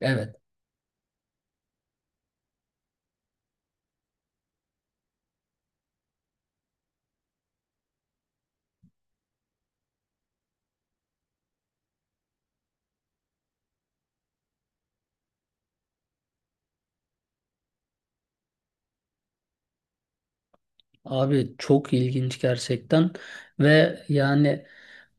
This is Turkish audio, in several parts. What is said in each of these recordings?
Evet abi, çok ilginç gerçekten ve yani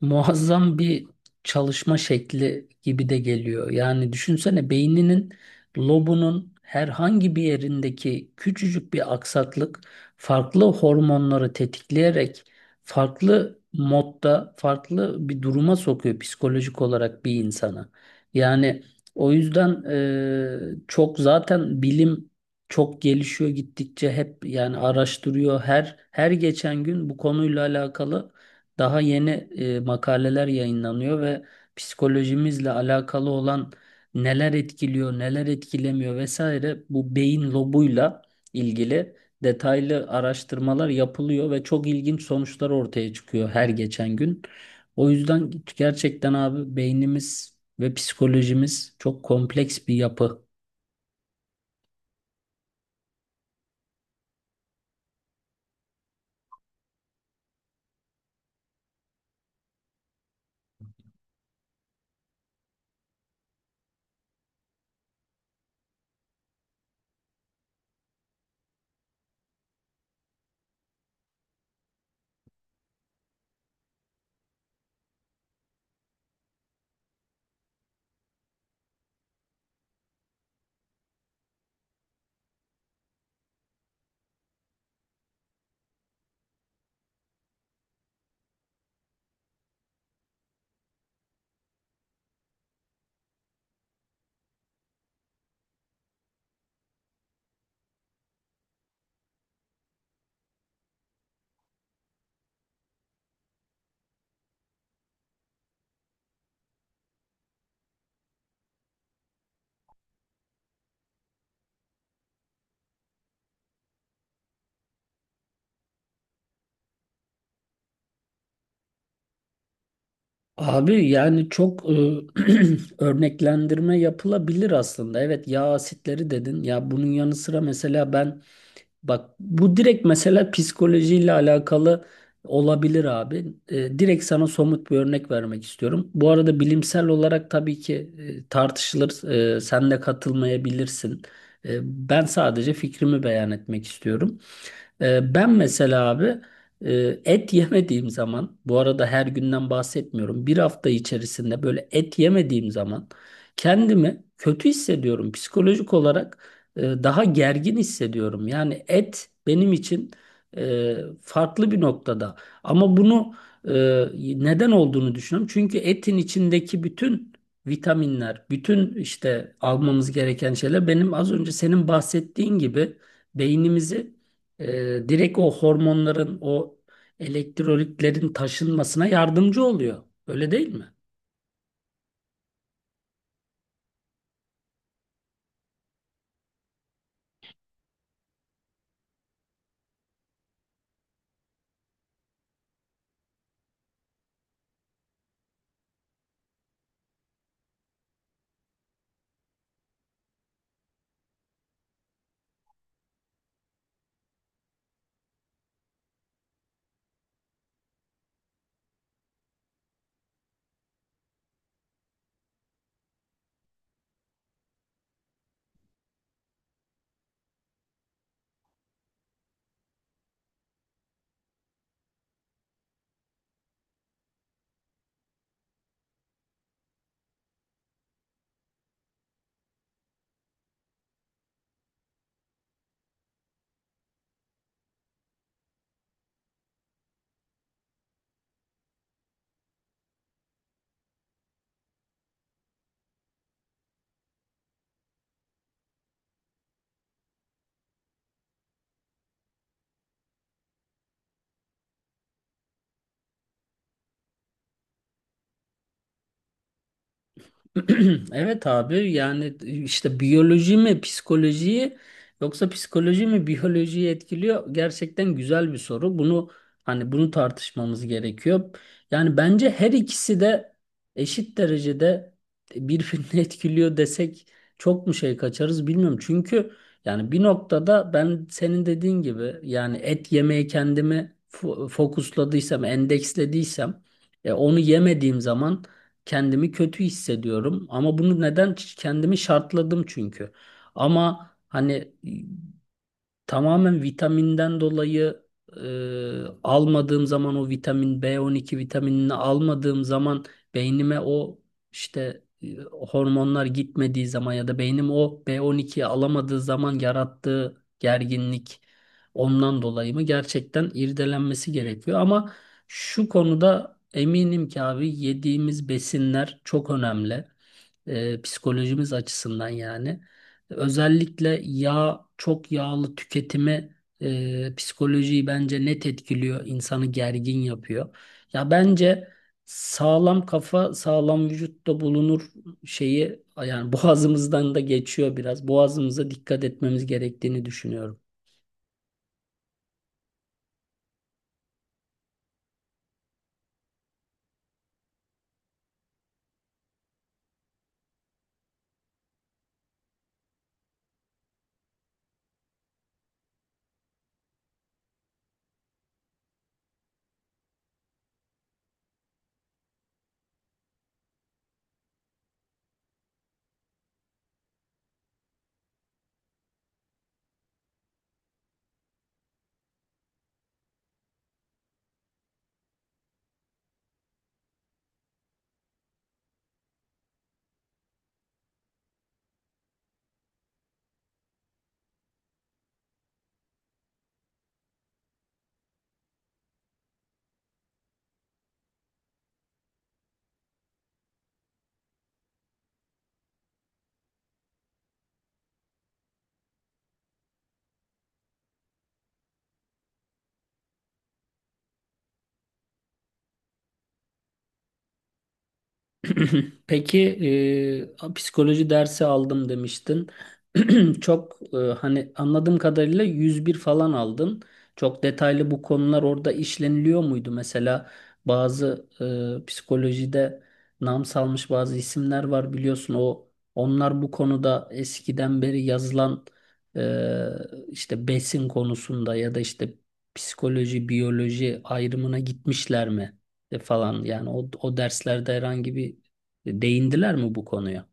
muazzam bir çalışma şekli gibi de geliyor. Yani düşünsene, beyninin lobunun herhangi bir yerindeki küçücük bir aksaklık farklı hormonları tetikleyerek farklı modda farklı bir duruma sokuyor psikolojik olarak bir insana. Yani o yüzden çok zaten bilim çok gelişiyor gittikçe, hep yani araştırıyor her geçen gün bu konuyla alakalı daha yeni makaleler yayınlanıyor ve psikolojimizle alakalı olan neler etkiliyor, neler etkilemiyor vesaire, bu beyin lobuyla ilgili detaylı araştırmalar yapılıyor ve çok ilginç sonuçlar ortaya çıkıyor her geçen gün. O yüzden gerçekten abi, beynimiz ve psikolojimiz çok kompleks bir yapı. Abi yani örneklendirme yapılabilir aslında. Evet, yağ asitleri dedin. Ya bunun yanı sıra mesela ben, bak, bu direkt mesela psikolojiyle alakalı olabilir abi. Direkt sana somut bir örnek vermek istiyorum. Bu arada bilimsel olarak tabii ki tartışılır. Sen de katılmayabilirsin. E, Ben sadece fikrimi beyan etmek istiyorum. Ben mesela abi et yemediğim zaman, bu arada her günden bahsetmiyorum, bir hafta içerisinde böyle et yemediğim zaman kendimi kötü hissediyorum. Psikolojik olarak daha gergin hissediyorum. Yani et benim için e, farklı bir noktada. Ama bunu e, neden olduğunu düşünüyorum. Çünkü etin içindeki bütün vitaminler, bütün işte almamız gereken şeyler, benim az önce senin bahsettiğin gibi beynimizi e, direkt o hormonların, o elektrolitlerin taşınmasına yardımcı oluyor. Öyle değil mi? Evet abi, yani işte biyoloji mi psikolojiyi yoksa psikoloji mi biyolojiyi etkiliyor? Gerçekten güzel bir soru. Bunu, hani bunu tartışmamız gerekiyor. Yani bence her ikisi de eşit derecede birbirini etkiliyor desek çok mu şey kaçarız bilmiyorum. Çünkü yani bir noktada, ben senin dediğin gibi yani et yemeye kendimi fokusladıysam, endekslediysem, onu yemediğim zaman kendimi kötü hissediyorum ama bunu neden, kendimi şartladım çünkü. Ama hani tamamen vitaminden dolayı almadığım zaman, o vitamin B12 vitaminini almadığım zaman, beynime o işte hormonlar gitmediği zaman ya da beynim o B12'yi alamadığı zaman yarattığı gerginlik ondan dolayı mı, gerçekten irdelenmesi gerekiyor. Ama şu konuda eminim ki abi, yediğimiz besinler çok önemli psikolojimiz açısından yani. Özellikle yağ, çok yağlı tüketimi psikolojiyi bence net etkiliyor, insanı gergin yapıyor. Ya bence sağlam kafa, sağlam vücutta bulunur şeyi yani boğazımızdan da geçiyor biraz. Boğazımıza dikkat etmemiz gerektiğini düşünüyorum. Peki psikoloji dersi aldım demiştin. Hani anladığım kadarıyla 101 falan aldın. Çok detaylı bu konular orada işleniliyor muydu? Mesela bazı psikolojide nam salmış bazı isimler var biliyorsun. Onlar bu konuda eskiden beri yazılan işte besin konusunda ya da işte psikoloji biyoloji ayrımına gitmişler mi? Falan yani o derslerde herhangi bir, değindiler mi bu konuya?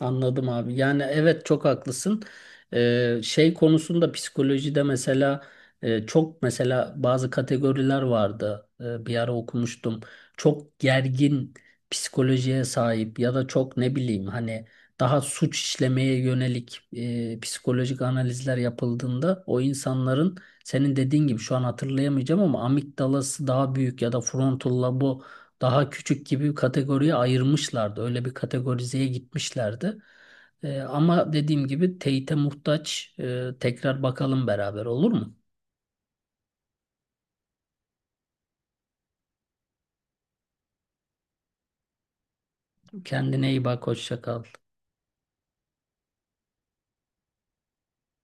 Anladım abi. Yani evet, çok haklısın. Şey konusunda psikolojide mesela çok mesela bazı kategoriler vardı. Bir ara okumuştum. Çok gergin psikolojiye sahip ya da çok ne bileyim, hani daha suç işlemeye yönelik psikolojik analizler yapıldığında o insanların, senin dediğin gibi şu an hatırlayamayacağım ama, amigdalası daha büyük ya da frontal lobu daha küçük gibi bir kategoriye ayırmışlardı. Öyle bir kategorizeye gitmişlerdi. Ama dediğim gibi teyite muhtaç. Tekrar bakalım beraber, olur mu? Kendine iyi bak, hoşça kal.